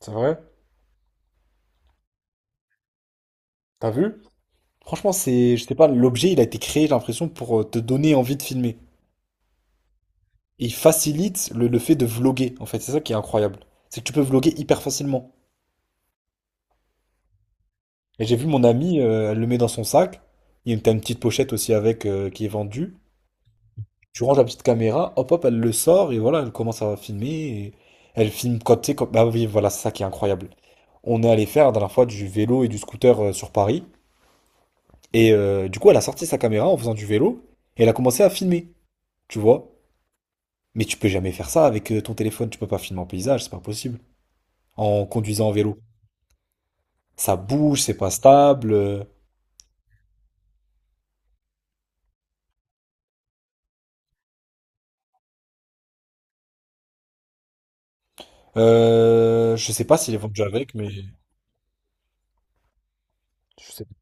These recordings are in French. C'est vrai? T'as vu? Franchement, c'est, je sais pas, l'objet, il a été créé, j'ai l'impression, pour te donner envie de filmer. Et il facilite le fait de vloguer, en fait. C'est ça qui est incroyable. C'est que tu peux vloguer hyper facilement. Et j'ai vu mon amie, elle le met dans son sac. Il y a une, T'as une petite pochette aussi avec, qui est vendue. Tu ranges la petite caméra, hop hop, elle le sort, et voilà, elle commence à filmer. Et elle filme quand, tu sais, bah oui, voilà, c'est ça qui est incroyable. On est allé faire la dernière fois du vélo et du scooter sur Paris. Et du coup, elle a sorti sa caméra en faisant du vélo, et elle a commencé à filmer. Tu vois? Mais tu peux jamais faire ça avec ton téléphone, tu peux pas filmer en paysage, c'est pas possible. En conduisant en vélo. Ça bouge, c'est pas stable. Je sais pas s'il est vendu avec, mais je sais pas.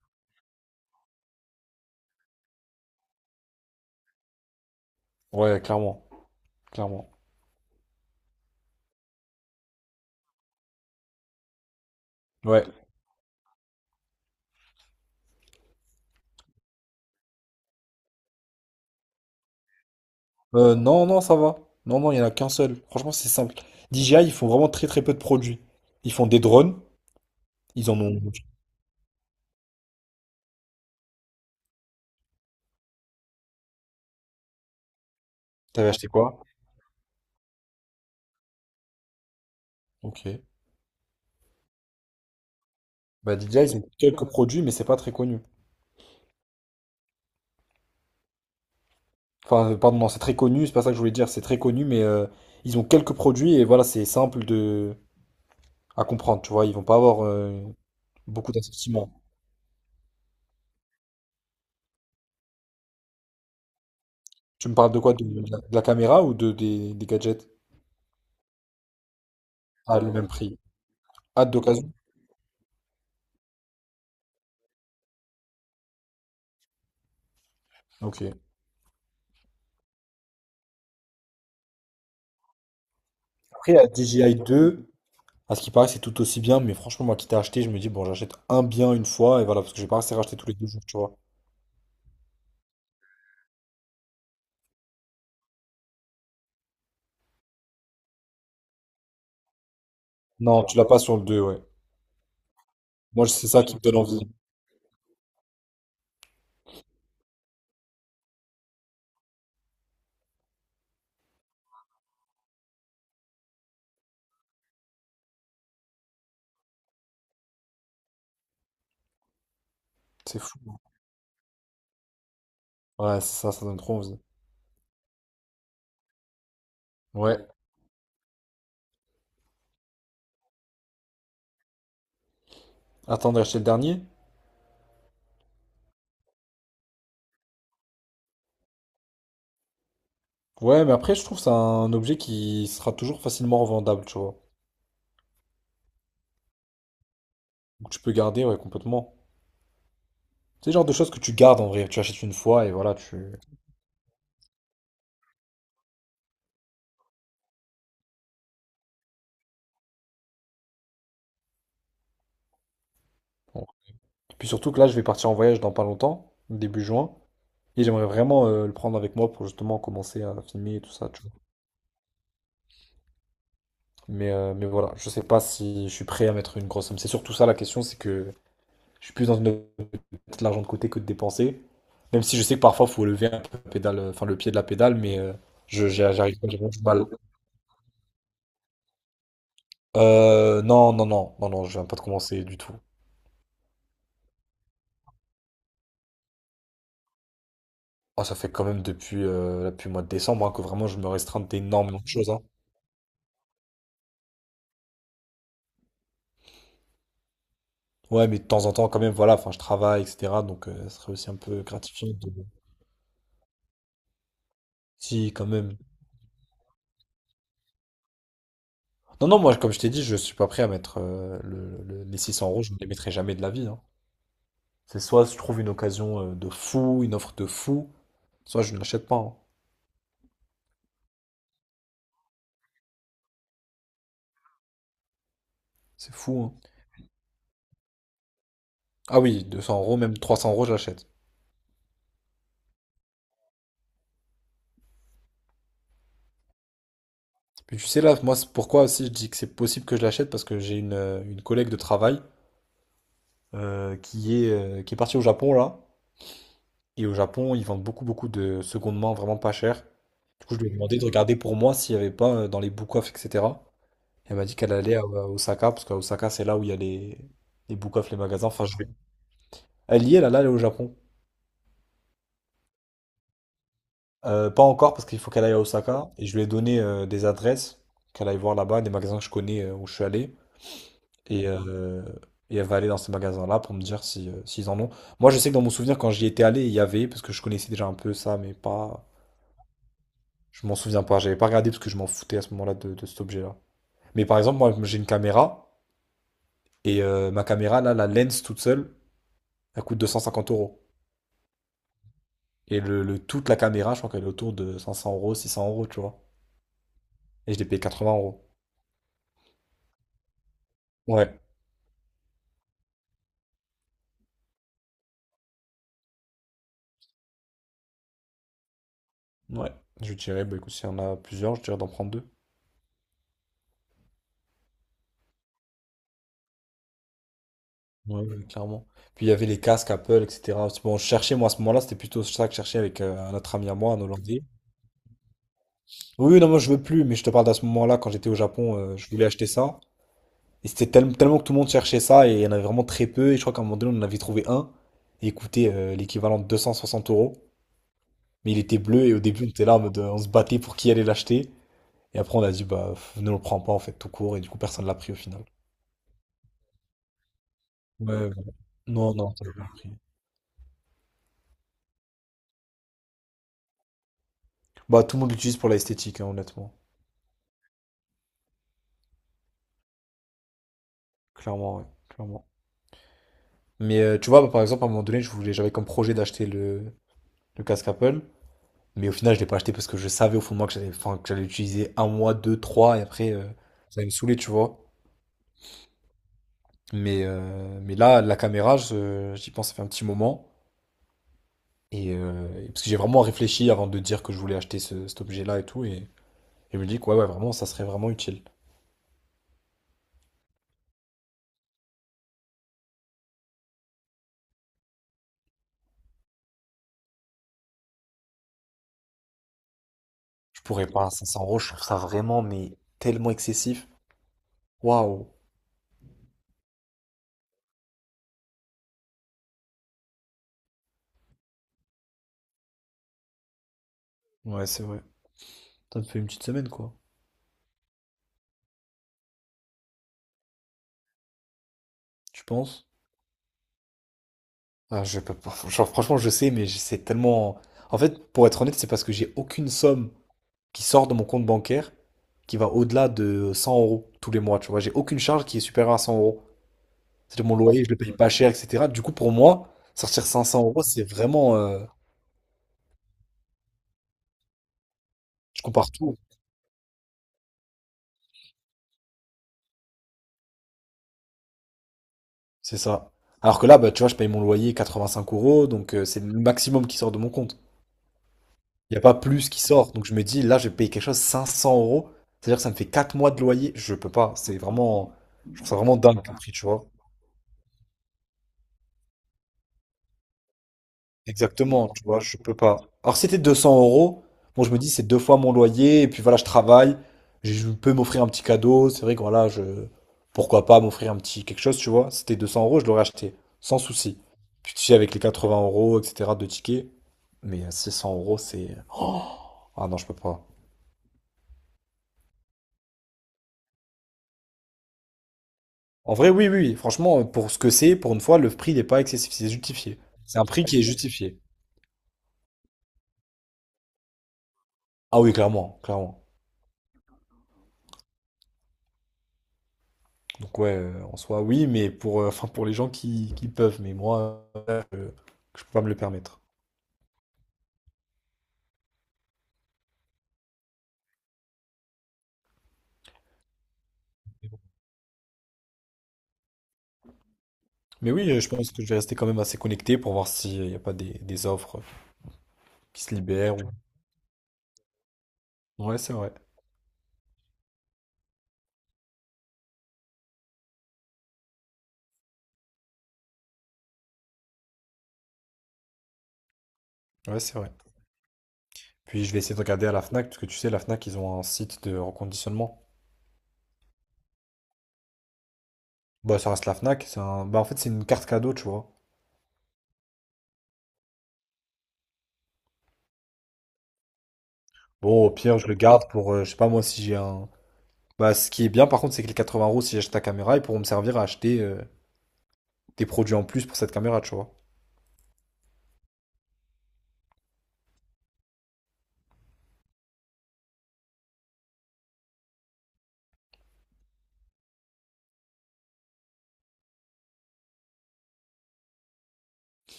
Ouais, clairement. Clairement. Ouais. Non, non, ça va. Non, non, il y en a qu'un seul. Franchement, c'est simple. DJI, ils font vraiment très très peu de produits. Ils font des drones, ils en ont. T'avais acheté quoi? Ok. Bah DJI, ils ont quelques produits, mais c'est pas très connu. Enfin, pardon, non, c'est très connu, c'est pas ça que je voulais dire, c'est très connu, mais ils ont quelques produits et voilà, c'est simple de à comprendre, tu vois, ils vont pas avoir beaucoup d'assortiments. Tu me parles de quoi? De la caméra ou des gadgets? À le même prix. Hâte d'occasion. Ok. Après, la DJI 2, à ce qui paraît, c'est tout aussi bien, mais franchement, moi qui t'ai acheté, je me dis, bon, j'achète un bien une fois et voilà, parce que j'ai pas assez racheté tous les deux jours, tu vois. Non, tu l'as pas sur le 2. Ouais. Moi, c'est ça qui me donne envie. C'est fou, hein. Ouais, c'est ça, ça donne trop envie. Ouais. Attendre d'acheter le dernier? Ouais, mais après, je trouve que c'est un objet qui sera toujours facilement revendable, tu vois. Donc tu peux garder, ouais, complètement. C'est le genre de choses que tu gardes en vrai. Tu achètes une fois et voilà, tu. Bon. Et puis surtout que là, je vais partir en voyage dans pas longtemps, début juin. Et j'aimerais vraiment le prendre avec moi pour justement commencer à filmer et tout ça, tu vois. Mais voilà, je sais pas si je suis prêt à mettre une grosse somme. C'est surtout ça la question, c'est que je suis plus dans une optique de mettre l'argent de côté que de dépenser. Même si je sais que parfois, faut lever un peu la pédale, enfin, le pied de la pédale, mais j'arrive pas, j'ai vraiment du mal. Non, non, non, non, non, je viens pas de commencer du tout. Ah, ça fait quand même depuis le mois de décembre, hein, que vraiment je me restreins d'énormément de choses, hein. Ouais, mais de temps en temps, quand même, voilà, enfin, je travaille, etc. Donc, ce serait aussi un peu gratifiant de... Si, quand même. Non, non, moi, comme je t'ai dit, je suis pas prêt à mettre les 600 euros, je ne les mettrai jamais de la vie, hein. C'est soit je trouve une occasion de fou, une offre de fou, soit je ne l'achète pas, hein. C'est fou, hein. Ah oui, 200 euros, même 300 euros, je l'achète. Puis tu sais là, moi c'est pourquoi aussi je dis que c'est possible que je l'achète parce que j'ai une collègue de travail qui est partie au Japon là. Et au Japon, ils vendent beaucoup beaucoup de seconde main vraiment pas cher. Du coup, je lui ai demandé de regarder pour moi s'il n'y avait pas dans les book-off, etc. Elle m'a dit qu'elle allait à Osaka parce qu'à Osaka c'est là où il y a les book-off, les magasins. Enfin, je vais. Elle y est là, là, elle est au Japon. Pas encore parce qu'il faut qu'elle aille à Osaka et je lui ai donné des adresses qu'elle aille voir là-bas, des magasins que je connais où je suis allé. Et, euh, et elle va aller dans ces magasins-là pour me dire si, s'ils en ont. Moi, je sais que dans mon souvenir, quand j'y étais allé, il y avait, parce que je connaissais déjà un peu ça, mais pas. Je m'en souviens pas. J'avais pas regardé parce que je m'en foutais à ce moment-là de cet objet-là. Mais par exemple, moi, j'ai une caméra, et ma caméra, là, la lens toute seule, elle coûte 250 euros. Et toute la caméra, je crois qu'elle est autour de 500 euros, 600 euros, tu vois. Et je l'ai payé 80 euros. Ouais. Ouais. Je dirais, bah écoute, s'il y en a plusieurs, je dirais d'en prendre deux. Ouais, ouais, clairement. Puis il y avait les casques Apple, etc. Bon, je cherchais, moi, à ce moment-là, c'était plutôt ça que je cherchais avec un autre ami à moi, un Hollandais. Oui, oui, non, moi, je veux plus, mais je te parle d'à ce moment-là, quand j'étais au Japon, je voulais acheter ça. Et c'était tellement que tout le monde cherchait ça, et il y en avait vraiment très peu. Et je crois qu'à un moment donné, on en avait trouvé un, et il coûtait l'équivalent de 260 euros. Mais il était bleu, et au début, on était là, en mode, on se battait pour qui allait l'acheter. Et après, on a dit, bah, pff, ne le prends pas, en fait, tout court. Et du coup, personne l'a pris au final. Ouais, ouais. Non, non, ça pas pris. Bah, tout le monde l'utilise pour l'esthétique, hein, honnêtement. Clairement, ouais. Clairement. Mais tu vois, bah, par exemple, à un moment donné, je voulais, j'avais comme projet d'acheter le casque Apple. Mais au final, je l'ai pas acheté parce que je savais au fond de moi que j'allais, enfin, que j'allais l'utiliser un mois, deux, trois, et après, ça allait me saouler, tu vois. Mais là, la caméra, j'y pense, ça fait un petit moment. Parce que j'ai vraiment réfléchi avant de dire que je voulais acheter cet objet-là et tout. Et je me dis que ouais, ouais, vraiment, ça serait vraiment utile. Je pourrais pas, 500 euros, je trouve ça vraiment, mais tellement excessif. Waouh! Ouais, c'est vrai. Ça me fait une petite semaine, quoi. Tu penses? Ah, je peux pas. Genre, franchement, je sais, mais c'est tellement. En fait, pour être honnête, c'est parce que j'ai aucune somme qui sort de mon compte bancaire qui va au-delà de 100 euros tous les mois. Tu vois, j'ai aucune charge qui est supérieure à 100 euros. C'est-à-dire mon loyer, je le paye pas cher, etc. Du coup, pour moi, sortir 500 euros, c'est vraiment. Je compare tout. C'est ça. Alors que là, bah, tu vois, je paye mon loyer 85 euros, donc c'est le maximum qui sort de mon compte. Il n'y a pas plus qui sort. Donc je me dis, là, je vais payer quelque chose 500 euros. C'est-à-dire que ça me fait 4 mois de loyer. Je peux pas. C'est vraiment. Je trouve ça vraiment dingue comme prix, tu vois. Exactement, tu vois, je peux pas. Alors si c'était 200 euros, bon, je me dis, c'est deux fois mon loyer. Et puis voilà, je travaille. Je peux m'offrir un petit cadeau. C'est vrai que voilà, je. Pourquoi pas m'offrir un petit quelque chose, tu vois. Si c'était 200 euros, je l'aurais acheté. Sans souci. Puis tu sais, avec les 80 euros, etc., de tickets. Mais 600 euros, c'est. Oh ah non, je peux pas. En vrai, oui, oui, oui, franchement, pour ce que c'est, pour une fois, le prix n'est pas excessif, c'est justifié. C'est un prix, ah, qui est justifié. Ah oui, clairement, clairement. Donc ouais, en soi, oui, mais pour, enfin, pour les gens qui peuvent, mais moi, je peux pas me le permettre. Mais oui, je pense que je vais rester quand même assez connecté pour voir s'il n'y a pas des offres qui se libèrent. Ouais, c'est vrai. Ouais, c'est vrai. Puis je vais essayer de regarder à la Fnac, parce que tu sais, la Fnac, ils ont un site de reconditionnement. Bah, ça reste la Fnac, c'est un... Bah, en fait, c'est une carte cadeau, tu vois. Bon, au pire, je le garde pour, je sais pas moi, si j'ai un... Bah, ce qui est bien, par contre, c'est que les 80 euros, si j'achète ta caméra, ils pourront me servir à acheter des produits en plus pour cette caméra, tu vois.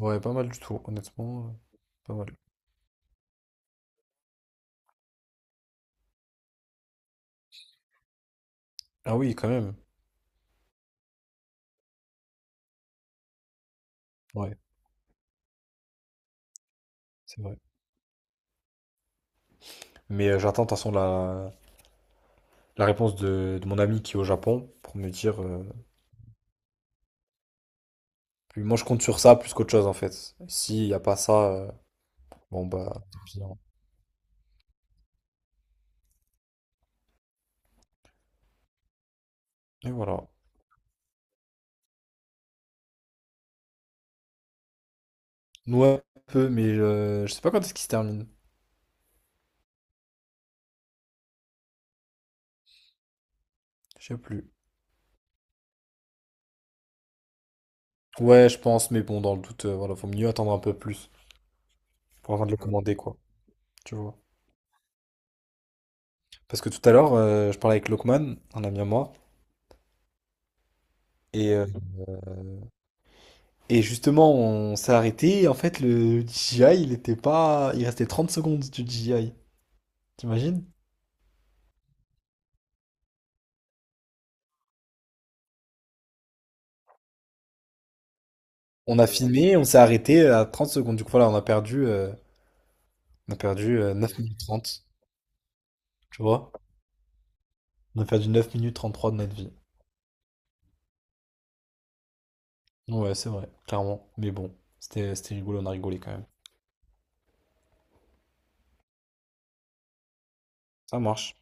Ouais, pas mal du tout, honnêtement. Pas mal. Ah oui, quand même. Ouais, c'est vrai. Mais j'attends, de toute façon, la réponse de mon ami qui est au Japon pour me dire. Puis moi, je compte sur ça plus qu'autre chose, en fait. S'il n'y a pas ça, bon, bah, tant pis, hein. Et voilà. Ouais, un peu, mais je sais pas quand est-ce qu'il se termine. Je sais plus. Ouais, je pense, mais bon, dans le doute, voilà, faut mieux attendre un peu plus pour avant de le commander, quoi. Tu vois. Parce que tout à l'heure, je parlais avec Lokman, un ami à moi, et, euh, et justement, on s'est arrêté. Et en fait, le DJI, il était pas. Il restait 30 secondes du DJI. T'imagines? On a filmé, on s'est arrêté à 30 secondes. Du coup, voilà, on a perdu 9 minutes 30. Tu vois? On a perdu 9 minutes 33 de notre vie. Ouais, c'est vrai, clairement. Mais bon, c'était rigolo, on a rigolé quand même. Ça marche.